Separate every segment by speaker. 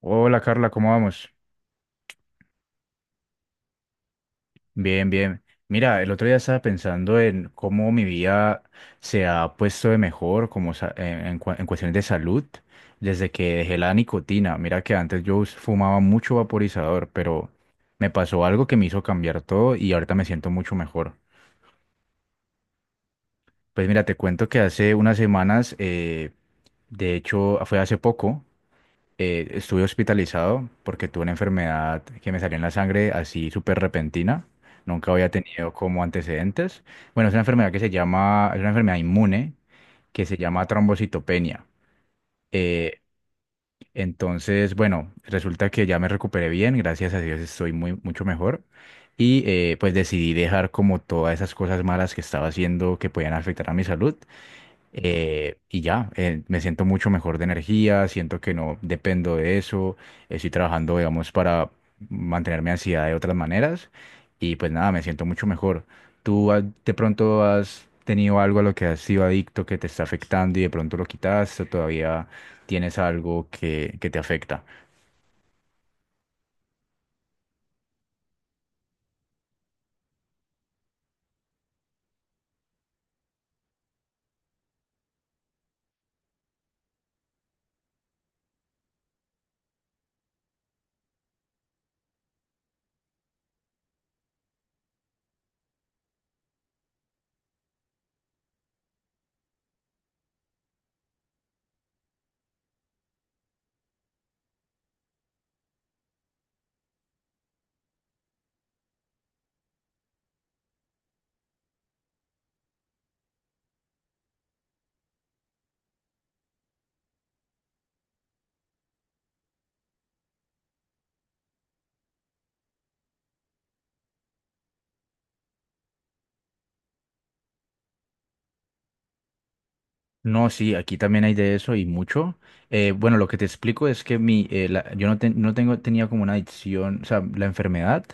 Speaker 1: Hola Carla, ¿cómo vamos? Bien, bien. Mira, el otro día estaba pensando en cómo mi vida se ha puesto de mejor como en en cuestiones de salud desde que dejé la nicotina. Mira que antes yo fumaba mucho vaporizador, pero me pasó algo que me hizo cambiar todo y ahorita me siento mucho mejor. Pues mira, te cuento que hace unas semanas, de hecho fue hace poco. Estuve hospitalizado porque tuve una enfermedad que me salió en la sangre así súper repentina. Nunca había tenido como antecedentes. Bueno, es una enfermedad que se llama, es una enfermedad inmune que se llama trombocitopenia. Eh, entonces, bueno, resulta que ya me recuperé bien, gracias a Dios estoy muy, mucho mejor. Y pues decidí dejar como todas esas cosas malas que estaba haciendo que podían afectar a mi salud y ya, me siento mucho mejor de energía, siento que no dependo de eso, estoy trabajando, digamos, para mantener mi ansiedad de otras maneras y pues nada, me siento mucho mejor. ¿Tú de pronto has tenido algo a lo que has sido adicto que te está afectando y de pronto lo quitaste o todavía tienes algo que te afecta? No, sí, aquí también hay de eso y mucho. Bueno, lo que te explico es que mi, yo no, no tengo, tenía como una adicción, o sea, la enfermedad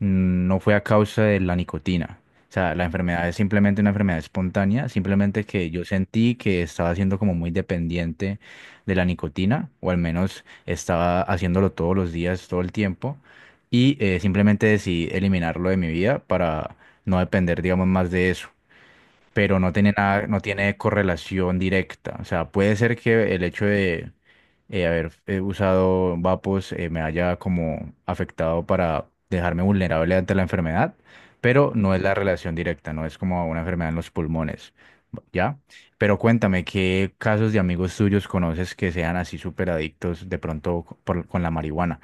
Speaker 1: no fue a causa de la nicotina. O sea, la enfermedad es simplemente una enfermedad espontánea, simplemente que yo sentí que estaba siendo como muy dependiente de la nicotina, o al menos estaba haciéndolo todos los días, todo el tiempo, y simplemente decidí eliminarlo de mi vida para no depender, digamos, más de eso, pero no tiene nada, no tiene correlación directa. O sea, puede ser que el hecho de haber usado vapos me haya como afectado para dejarme vulnerable ante la enfermedad, pero no es la relación directa, no es como una enfermedad en los pulmones, ¿ya? Pero cuéntame, ¿qué casos de amigos tuyos conoces que sean así súper adictos de pronto con la marihuana?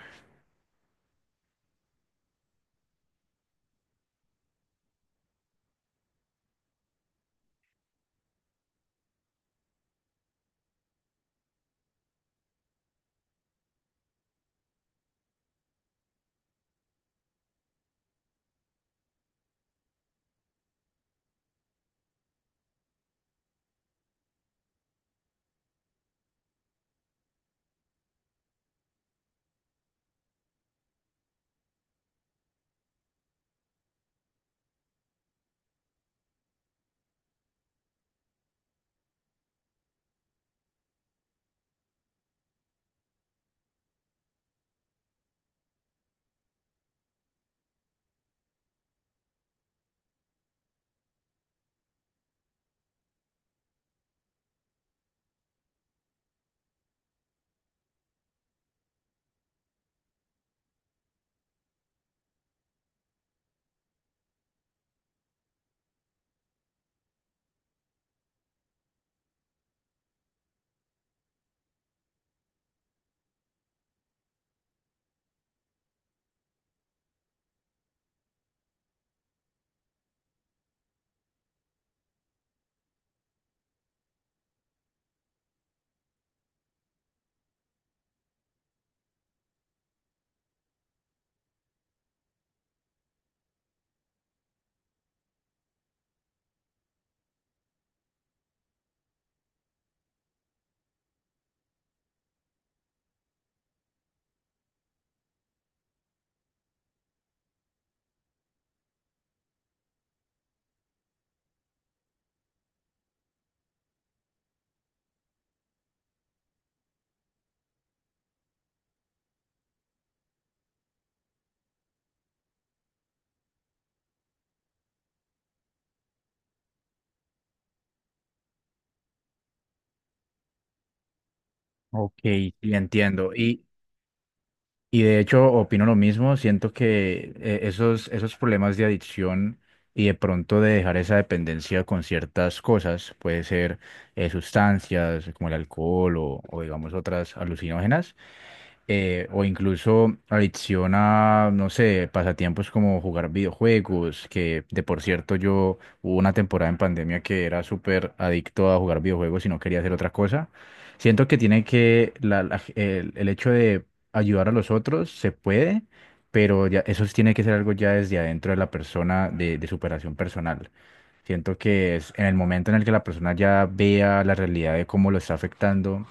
Speaker 1: Ok, sí, entiendo. Y, y de hecho, opino lo mismo. Siento que esos, esos problemas de adicción y de pronto de dejar esa dependencia con ciertas cosas, puede ser sustancias como el alcohol o digamos otras alucinógenas, o incluso adicción a, no sé, pasatiempos como jugar videojuegos, que de por cierto yo hubo una temporada en pandemia que era súper adicto a jugar videojuegos y no quería hacer otra cosa. Siento que tiene que, el hecho de ayudar a los otros se puede, pero ya, eso sí tiene que ser algo ya desde adentro de la persona, de superación personal. Siento que es en el momento en el que la persona ya vea la realidad de cómo lo está afectando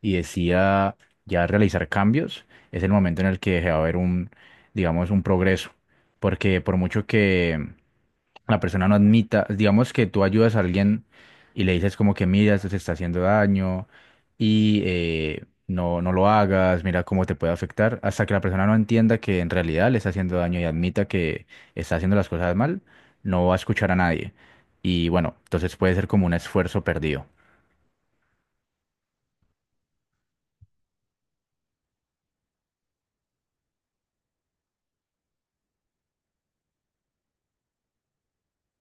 Speaker 1: y decida ya realizar cambios, es el momento en el que va a haber un, digamos, un progreso. Porque por mucho que la persona no admita, digamos que tú ayudas a alguien y le dices como que mira, esto te está haciendo daño y no, no lo hagas, mira cómo te puede afectar, hasta que la persona no entienda que en realidad le está haciendo daño y admita que está haciendo las cosas mal, no va a escuchar a nadie. Y bueno, entonces puede ser como un esfuerzo perdido.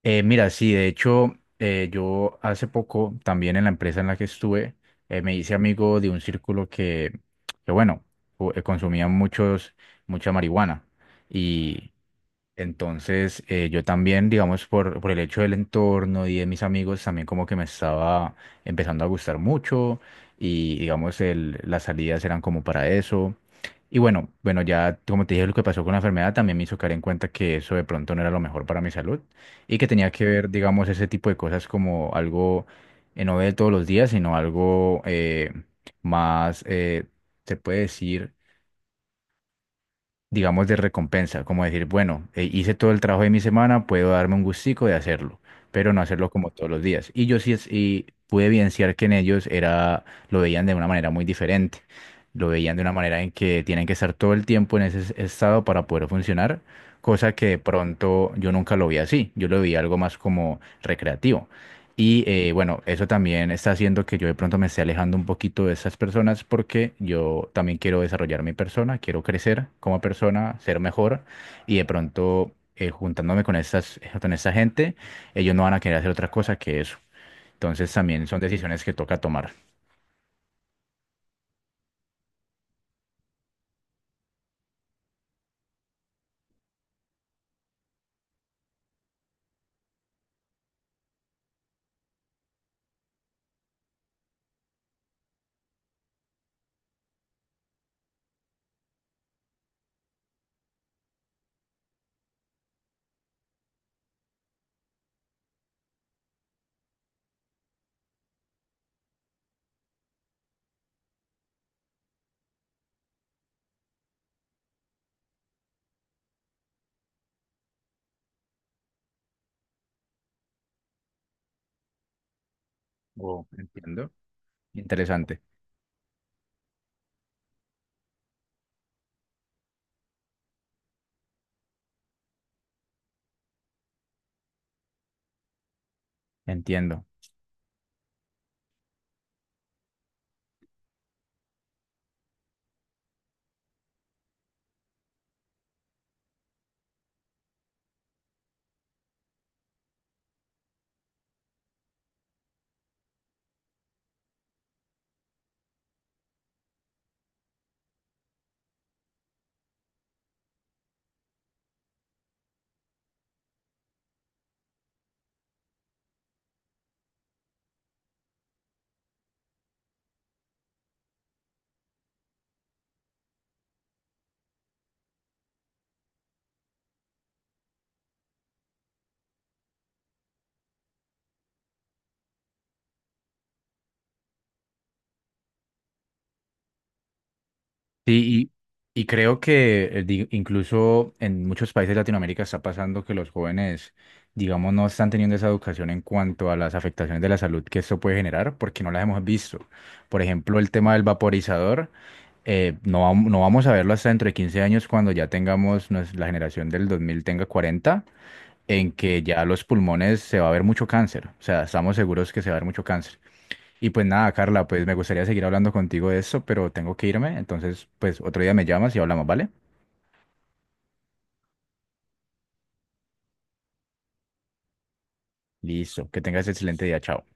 Speaker 1: Mira, sí, de hecho, yo hace poco también en la empresa en la que estuve, me hice amigo de un círculo que bueno, consumía muchos, mucha marihuana. Y entonces, yo también, digamos, por el hecho del entorno y de mis amigos, también como que me estaba empezando a gustar mucho y, digamos, las salidas eran como para eso. Y bueno, bueno, ya como te dije, lo que pasó con la enfermedad también me hizo caer en cuenta que eso de pronto no era lo mejor para mi salud y que tenía que ver, digamos, ese tipo de cosas como algo no de todos los días, sino algo más, se puede decir, digamos, de recompensa, como decir, bueno, hice todo el trabajo de mi semana, puedo darme un gustico de hacerlo, pero no hacerlo como todos los días. Y yo sí y pude evidenciar que en ellos era, lo veían de una manera muy diferente, lo veían de una manera en que tienen que estar todo el tiempo en ese estado para poder funcionar, cosa que de pronto yo nunca lo vi así, yo lo vi algo más como recreativo. Y bueno, eso también está haciendo que yo de pronto me esté alejando un poquito de esas personas porque yo también quiero desarrollar mi persona, quiero crecer como persona, ser mejor y de pronto juntándome con estas, con esta gente, ellos no van a querer hacer otra cosa que eso. Entonces también son decisiones que toca tomar. Oh, entiendo. Interesante. Entiendo. Sí, y creo que incluso en muchos países de Latinoamérica está pasando que los jóvenes, digamos, no están teniendo esa educación en cuanto a las afectaciones de la salud que esto puede generar porque no las hemos visto. Por ejemplo, el tema del vaporizador, no, no vamos a verlo hasta dentro de 15 años cuando ya tengamos, la generación del 2000 tenga 40, en que ya los pulmones se va a ver mucho cáncer. O sea, estamos seguros que se va a ver mucho cáncer. Y pues nada, Carla, pues me gustaría seguir hablando contigo de eso, pero tengo que irme. Entonces, pues otro día me llamas y hablamos, ¿vale? Listo, que tengas excelente día, chao.